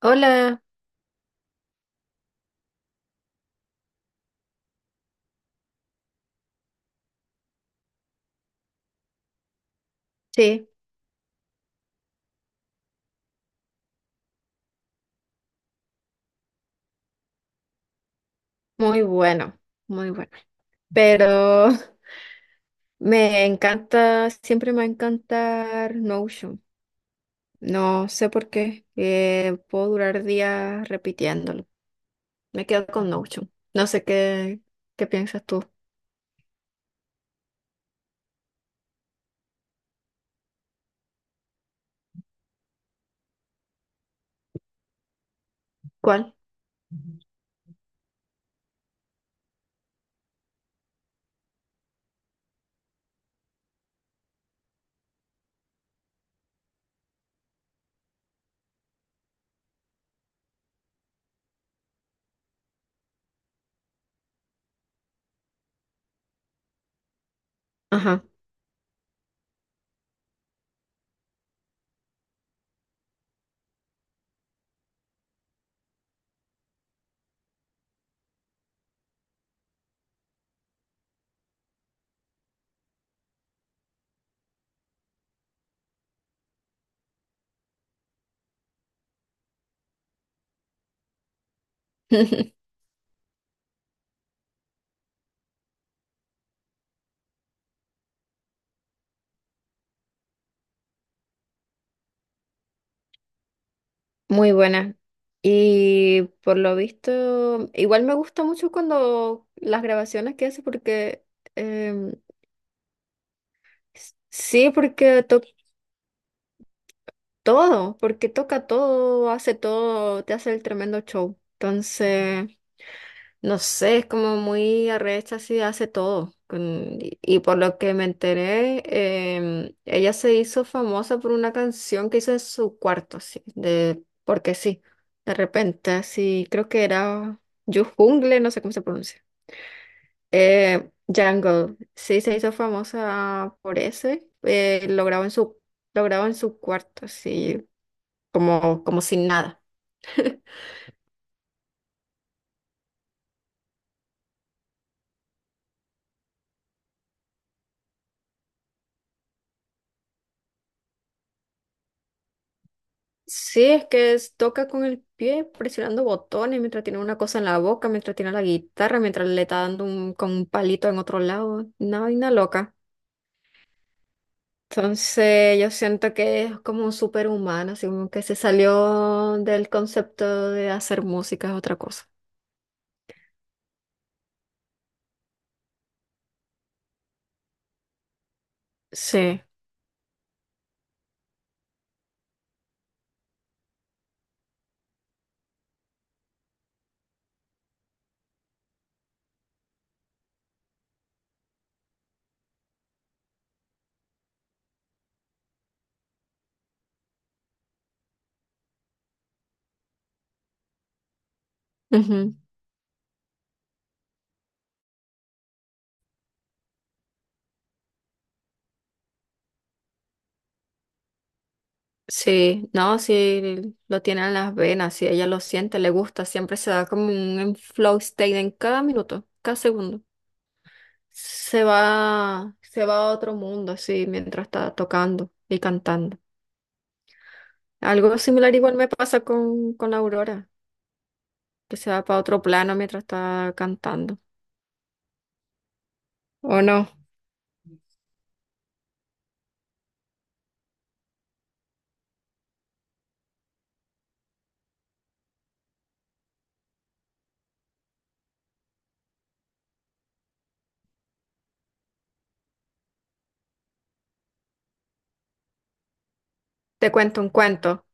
Hola, sí, muy bueno, muy bueno. Pero me encanta, siempre me va a encantar Notion. No sé por qué, puedo durar días repitiéndolo. Me quedo con Notion. No sé qué, qué piensas tú. ¿Cuál? Ajá. Muy buena. Y por lo visto, igual me gusta mucho cuando las grabaciones que hace porque em, sí, porque todo, porque toca todo, hace todo, te hace el tremendo show. Entonces, no sé, es como muy arrecha, así hace todo. Y por lo que me enteré, ella se hizo famosa por una canción que hizo en su cuarto, así, de, porque sí, de repente, así, creo que era Yo Jungle, no sé cómo se pronuncia. Jungle, sí, se hizo famosa por ese, lo grabó en su, lo grabó en su cuarto, así como, como sin nada. Sí, es que toca con el pie presionando botones mientras tiene una cosa en la boca, mientras tiene la guitarra, mientras le está dando un, con un palito en otro lado. Una vaina loca. Entonces yo siento que es como un superhumano, así como que se salió del concepto de hacer música es otra cosa. Sí, ujú. Sí, no, sí, lo tiene en las venas, si ella lo siente, le gusta, siempre se da como un flow state en cada minuto, cada segundo. Se va a otro mundo, sí, mientras está tocando y cantando. Algo similar igual me pasa con Aurora, que se va para otro plano mientras está cantando. ¿O no? Te cuento un cuento.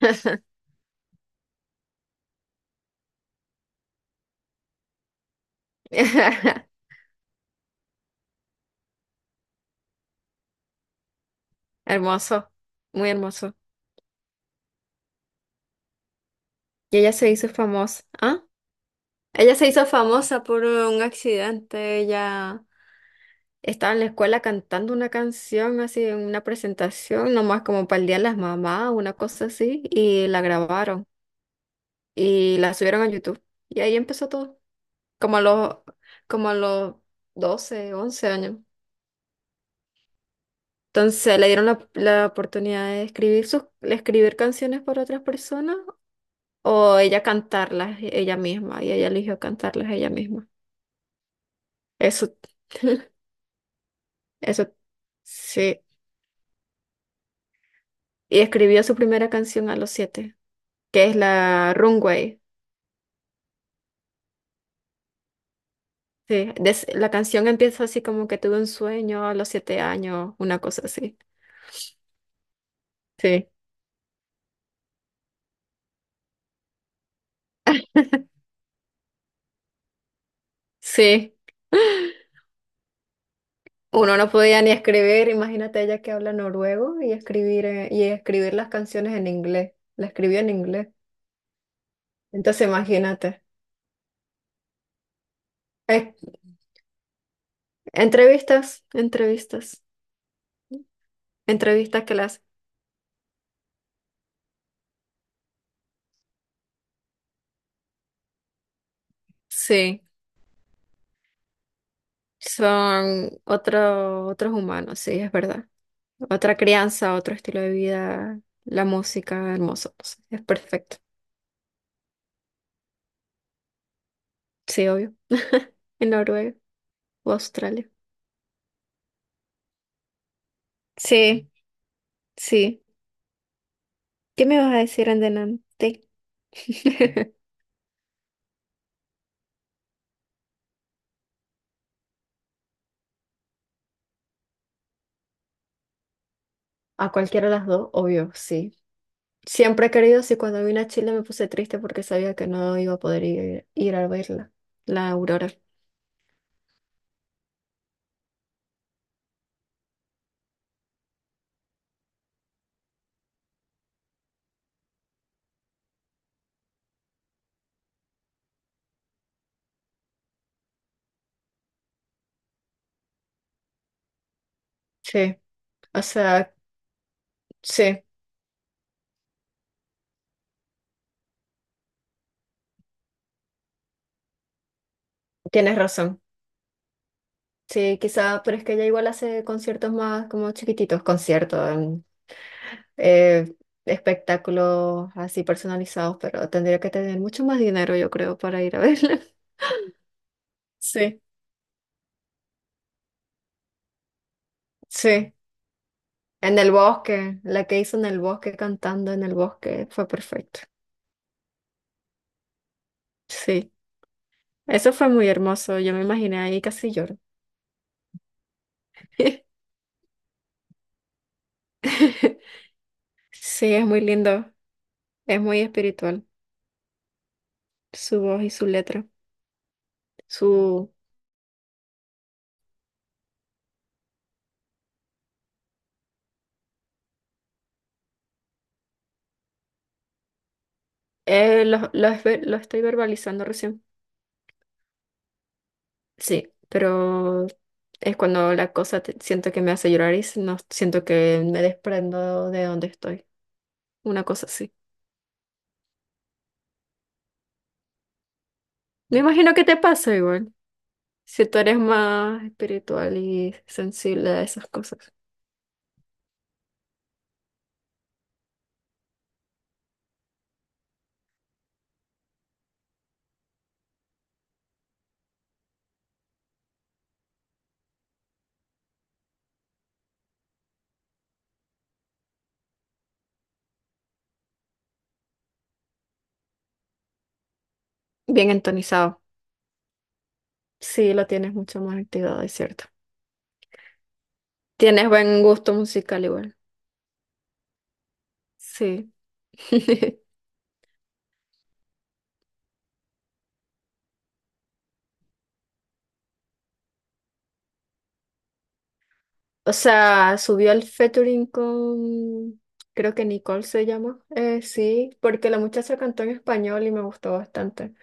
Hermoso, muy hermoso. Y ella se hizo famosa. ¿Ah? Ella se hizo famosa por un accidente. Ella estaba en la escuela cantando una canción, así, en una presentación, nomás como para el día de las mamás, una cosa así, y la grabaron. Y la subieron a YouTube. Y ahí empezó todo, como a los, como a los 12 11 años. Entonces le dieron la, la oportunidad de escribir, sus, de escribir canciones para otras personas o ella cantarlas ella misma y ella eligió cantarlas ella misma. Eso, eso, sí. Y escribió su primera canción a los 7, que es la Runway. Sí, la canción empieza así como que tuve un sueño a los 7 años, una cosa así. Sí, sí. Uno no podía ni escribir, imagínate ella que habla noruego y escribir las canciones en inglés. La escribió en inglés. Entonces imagínate. Eh, entrevistas, entrevistas, entrevistas que las... Sí, son otro, otros humanos, sí, es verdad. Otra crianza, otro estilo de vida, la música, hermoso. Pues, es perfecto. Sí, obvio. En Noruega o Australia. Sí, sí. ¿Qué me vas a decir en delante? A cualquiera de las dos, obvio, sí. Siempre he querido, sí, cuando vine a Chile me puse triste porque sabía que no iba a poder ir, ir a verla, la aurora. Sí, o sea, sí, tienes razón. Sí, quizá, pero es que ella igual hace conciertos más como chiquititos, conciertos, eh, espectáculos así personalizados, pero tendría que tener mucho más dinero, yo creo, para ir a verla. Sí, sí. En el bosque, la que hizo en el bosque cantando en el bosque fue perfecto. Sí. Eso fue muy hermoso, yo me imaginé ahí casi lloro. Sí, es muy lindo, es muy espiritual, su voz y su letra. Su lo, lo estoy verbalizando recién. Sí, pero es cuando la cosa siento que me hace llorar y no siento que me desprendo de donde estoy. Una cosa así. Me imagino que te pasa igual, si tú eres más espiritual y sensible a esas cosas. Bien entonizado. Sí, lo tienes mucho más activado, es cierto. Tienes buen gusto musical igual. Sí. O sea, subió al featuring con, creo que Nicole se llama. Sí, porque la muchacha cantó en español y me gustó bastante.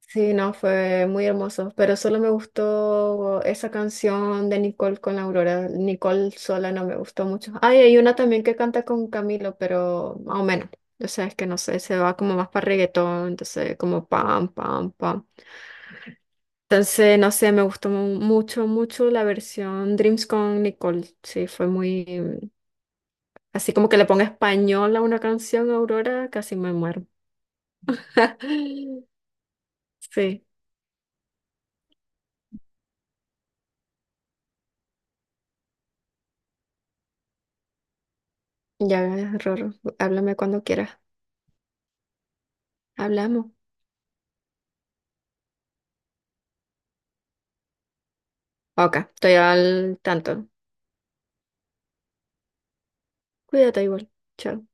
Sí, no, fue muy hermoso, pero solo me gustó esa canción de Nicole con la Aurora. Nicole sola no me gustó mucho. Ay, hay una también que canta con Camilo, pero más o menos. O sea, es que no sé, se va como más para reggaetón, entonces como pam, pam, pam. Entonces, no sé, me gustó mucho, mucho la versión Dreams con Nicole. Sí, fue muy... mm, así como que le ponga español a una canción, Aurora, casi me muero. Sí, ya, Roro, háblame cuando quieras. Hablamos. Ok, estoy al tanto. Cuídate igual. Chao.